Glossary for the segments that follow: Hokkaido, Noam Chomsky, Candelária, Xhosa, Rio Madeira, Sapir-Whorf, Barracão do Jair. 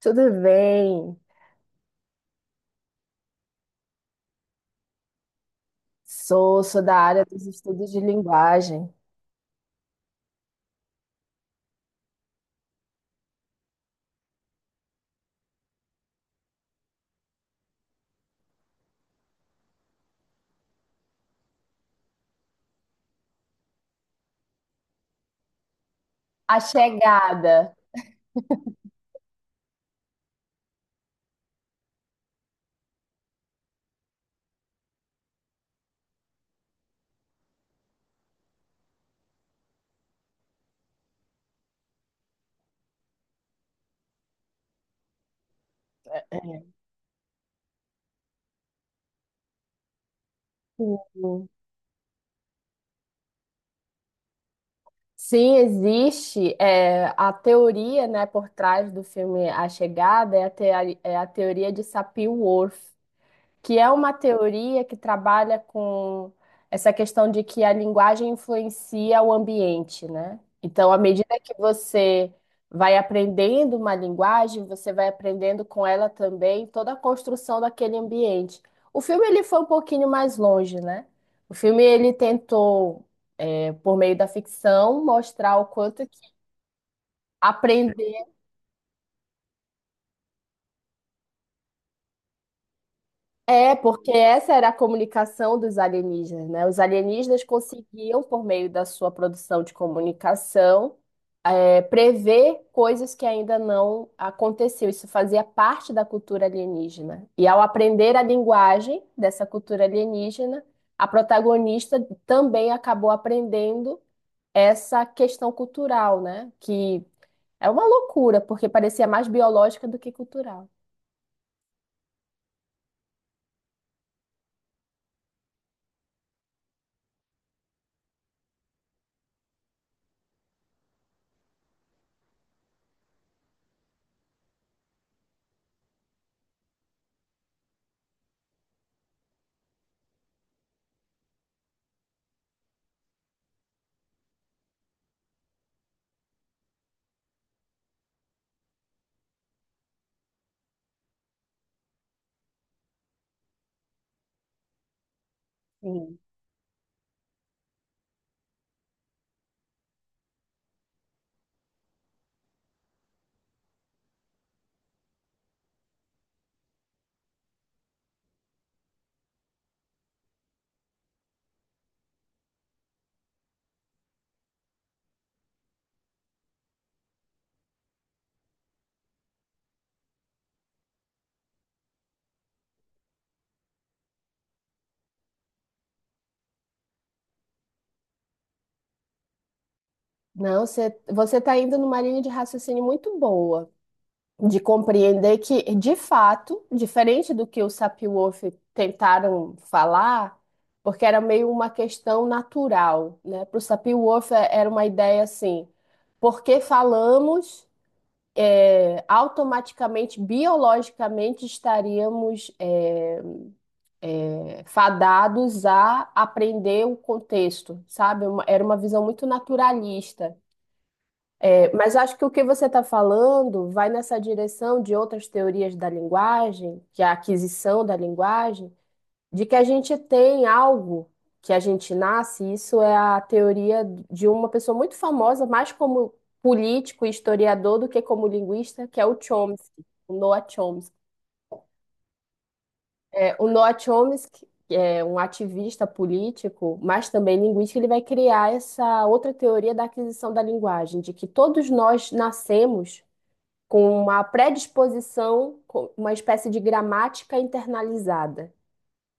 Tudo bem? Sou, sou da área dos estudos de linguagem. A chegada. É, é. Sim, Sim, existe a teoria, né, por trás do filme A Chegada é a, é a teoria de Sapir-Whorf, que é uma teoria que trabalha com essa questão de que a linguagem influencia o ambiente, né? Então, à medida que você vai aprendendo uma linguagem, você vai aprendendo com ela também toda a construção daquele ambiente. O filme ele foi um pouquinho mais longe, né? O filme ele tentou, por meio da ficção, mostrar o quanto que aprender. É, porque essa era a comunicação dos alienígenas, né? Os alienígenas conseguiam, por meio da sua produção de comunicação, prever coisas que ainda não aconteciam. Isso fazia parte da cultura alienígena. E ao aprender a linguagem dessa cultura alienígena, a protagonista também acabou aprendendo essa questão cultural, né? Que é uma loucura, porque parecia mais biológica do que cultural. Sim. Não, você está indo numa linha de raciocínio muito boa, de compreender que, de fato, diferente do que o Sapir-Whorf tentaram falar, porque era meio uma questão natural, né? Para o Sapir-Whorf era uma ideia assim, porque falamos, automaticamente, biologicamente, estaríamos fadados a aprender o contexto, sabe? Era uma visão muito naturalista. É, mas acho que o que você está falando vai nessa direção de outras teorias da linguagem, que é a aquisição da linguagem, de que a gente tem algo que a gente nasce, isso é a teoria de uma pessoa muito famosa, mais como político e historiador do que como linguista, que é o Chomsky, o Noam Chomsky. É, o Noam Chomsky, que é um ativista político, mas também linguístico, ele vai criar essa outra teoria da aquisição da linguagem, de que todos nós nascemos com uma predisposição, com uma espécie de gramática internalizada,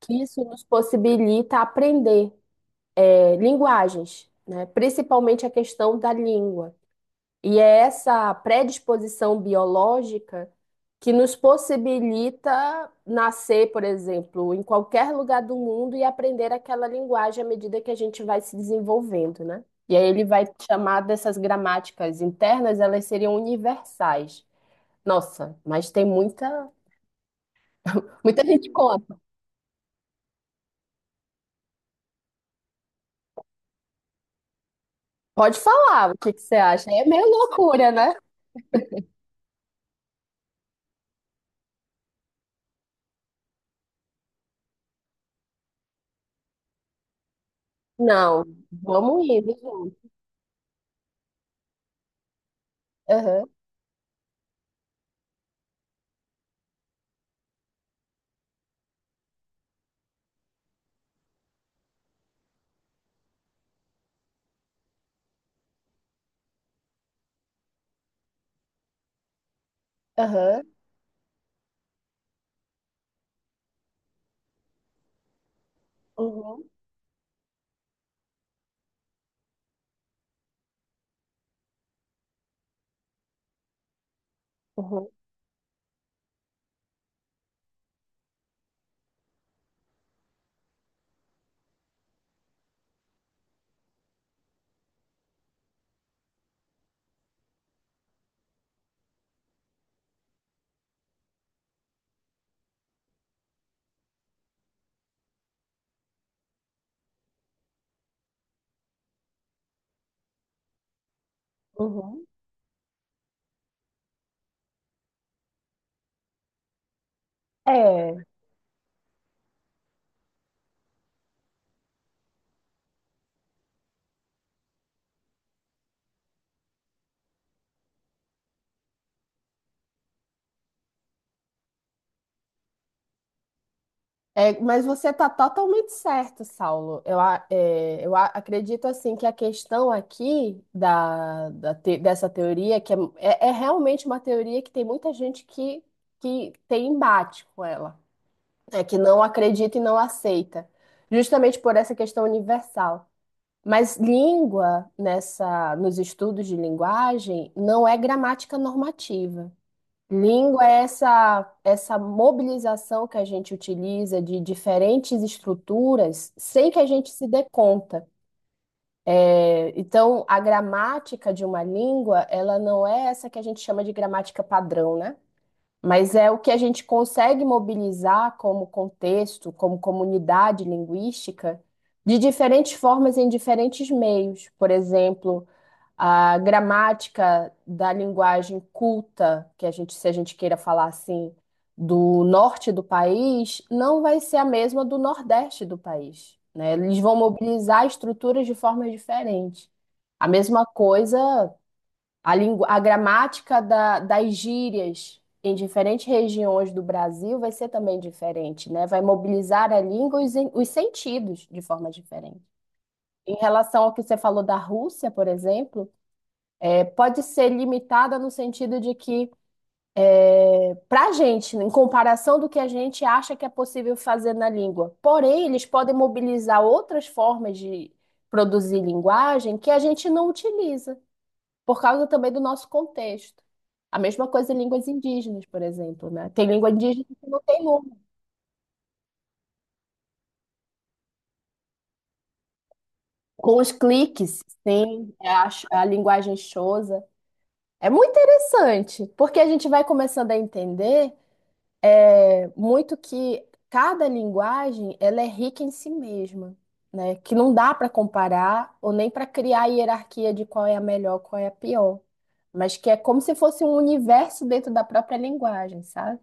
que isso nos possibilita aprender linguagens, né? Principalmente a questão da língua. E é essa predisposição biológica que nos possibilita nascer, por exemplo, em qualquer lugar do mundo e aprender aquela linguagem à medida que a gente vai se desenvolvendo, né? E aí ele vai chamar dessas gramáticas internas, elas seriam universais. Nossa, mas tem muita gente contra. Pode falar o que que você acha. É meio loucura, né? Não, vamos indo junto. Aham, aham, uhum, uhum, uhum. É, mas você está totalmente certo, Saulo. Eu, a- é, eu a- acredito assim que a questão aqui dessa teoria, que é realmente uma teoria que tem muita gente que tem embate com ela, é que não acredita e não aceita, justamente por essa questão universal. Mas língua, nessa, nos estudos de linguagem, não é gramática normativa. Língua é essa, essa mobilização que a gente utiliza de diferentes estruturas sem que a gente se dê conta. É, então, a gramática de uma língua, ela não é essa que a gente chama de gramática padrão, né? Mas é o que a gente consegue mobilizar como contexto, como comunidade linguística, de diferentes formas em diferentes meios. Por exemplo, a gramática da linguagem culta, que a gente, se a gente queira falar assim, do norte do país, não vai ser a mesma do nordeste do país, né? Eles vão mobilizar estruturas de formas diferentes. A mesma coisa a, a gramática das gírias em diferentes regiões do Brasil vai ser também diferente, né? Vai mobilizar a língua e os, os sentidos de forma diferente. Em relação ao que você falou da Rússia, por exemplo, pode ser limitada no sentido de que, para a gente, em comparação do que a gente acha que é possível fazer na língua, porém, eles podem mobilizar outras formas de produzir linguagem que a gente não utiliza, por causa também do nosso contexto. A mesma coisa em línguas indígenas, por exemplo, né? Tem língua indígena que não tem nome. Com os cliques, tem a linguagem Xhosa. É muito interessante, porque a gente vai começando a entender muito que cada linguagem ela é rica em si mesma, né? Que não dá para comparar ou nem para criar hierarquia de qual é a melhor, qual é a pior, mas que é como se fosse um universo dentro da própria linguagem, sabe?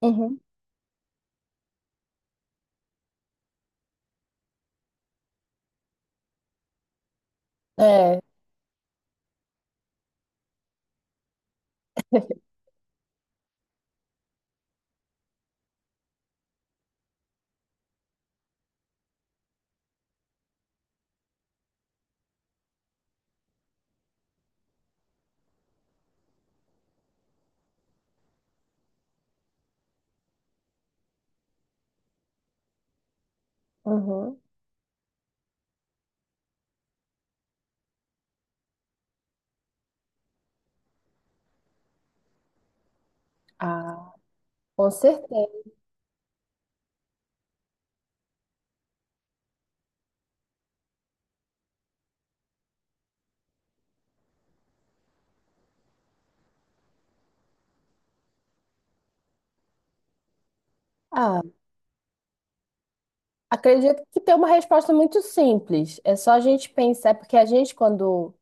Uhum. É. Uhum. Ah, com certeza. Ah, acredito que tem uma resposta muito simples. É só a gente pensar, é porque a gente, quando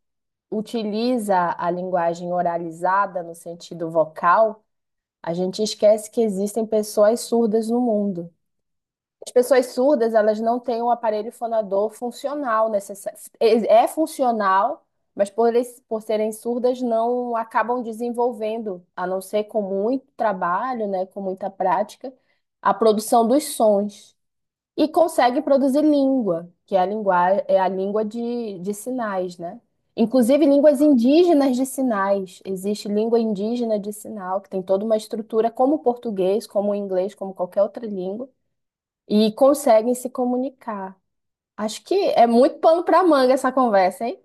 utiliza a linguagem oralizada no sentido vocal, a gente esquece que existem pessoas surdas no mundo. As pessoas surdas, elas não têm um aparelho fonador funcional necessário. É funcional, mas por, por serem surdas, não acabam desenvolvendo, a não ser com muito trabalho, né, com muita prática, a produção dos sons. E conseguem produzir língua, que é a linguagem, é a língua de sinais, né? Inclusive línguas indígenas de sinais. Existe língua indígena de sinal, que tem toda uma estrutura como o português, como o inglês, como qualquer outra língua, e conseguem se comunicar. Acho que é muito pano para manga essa conversa, hein?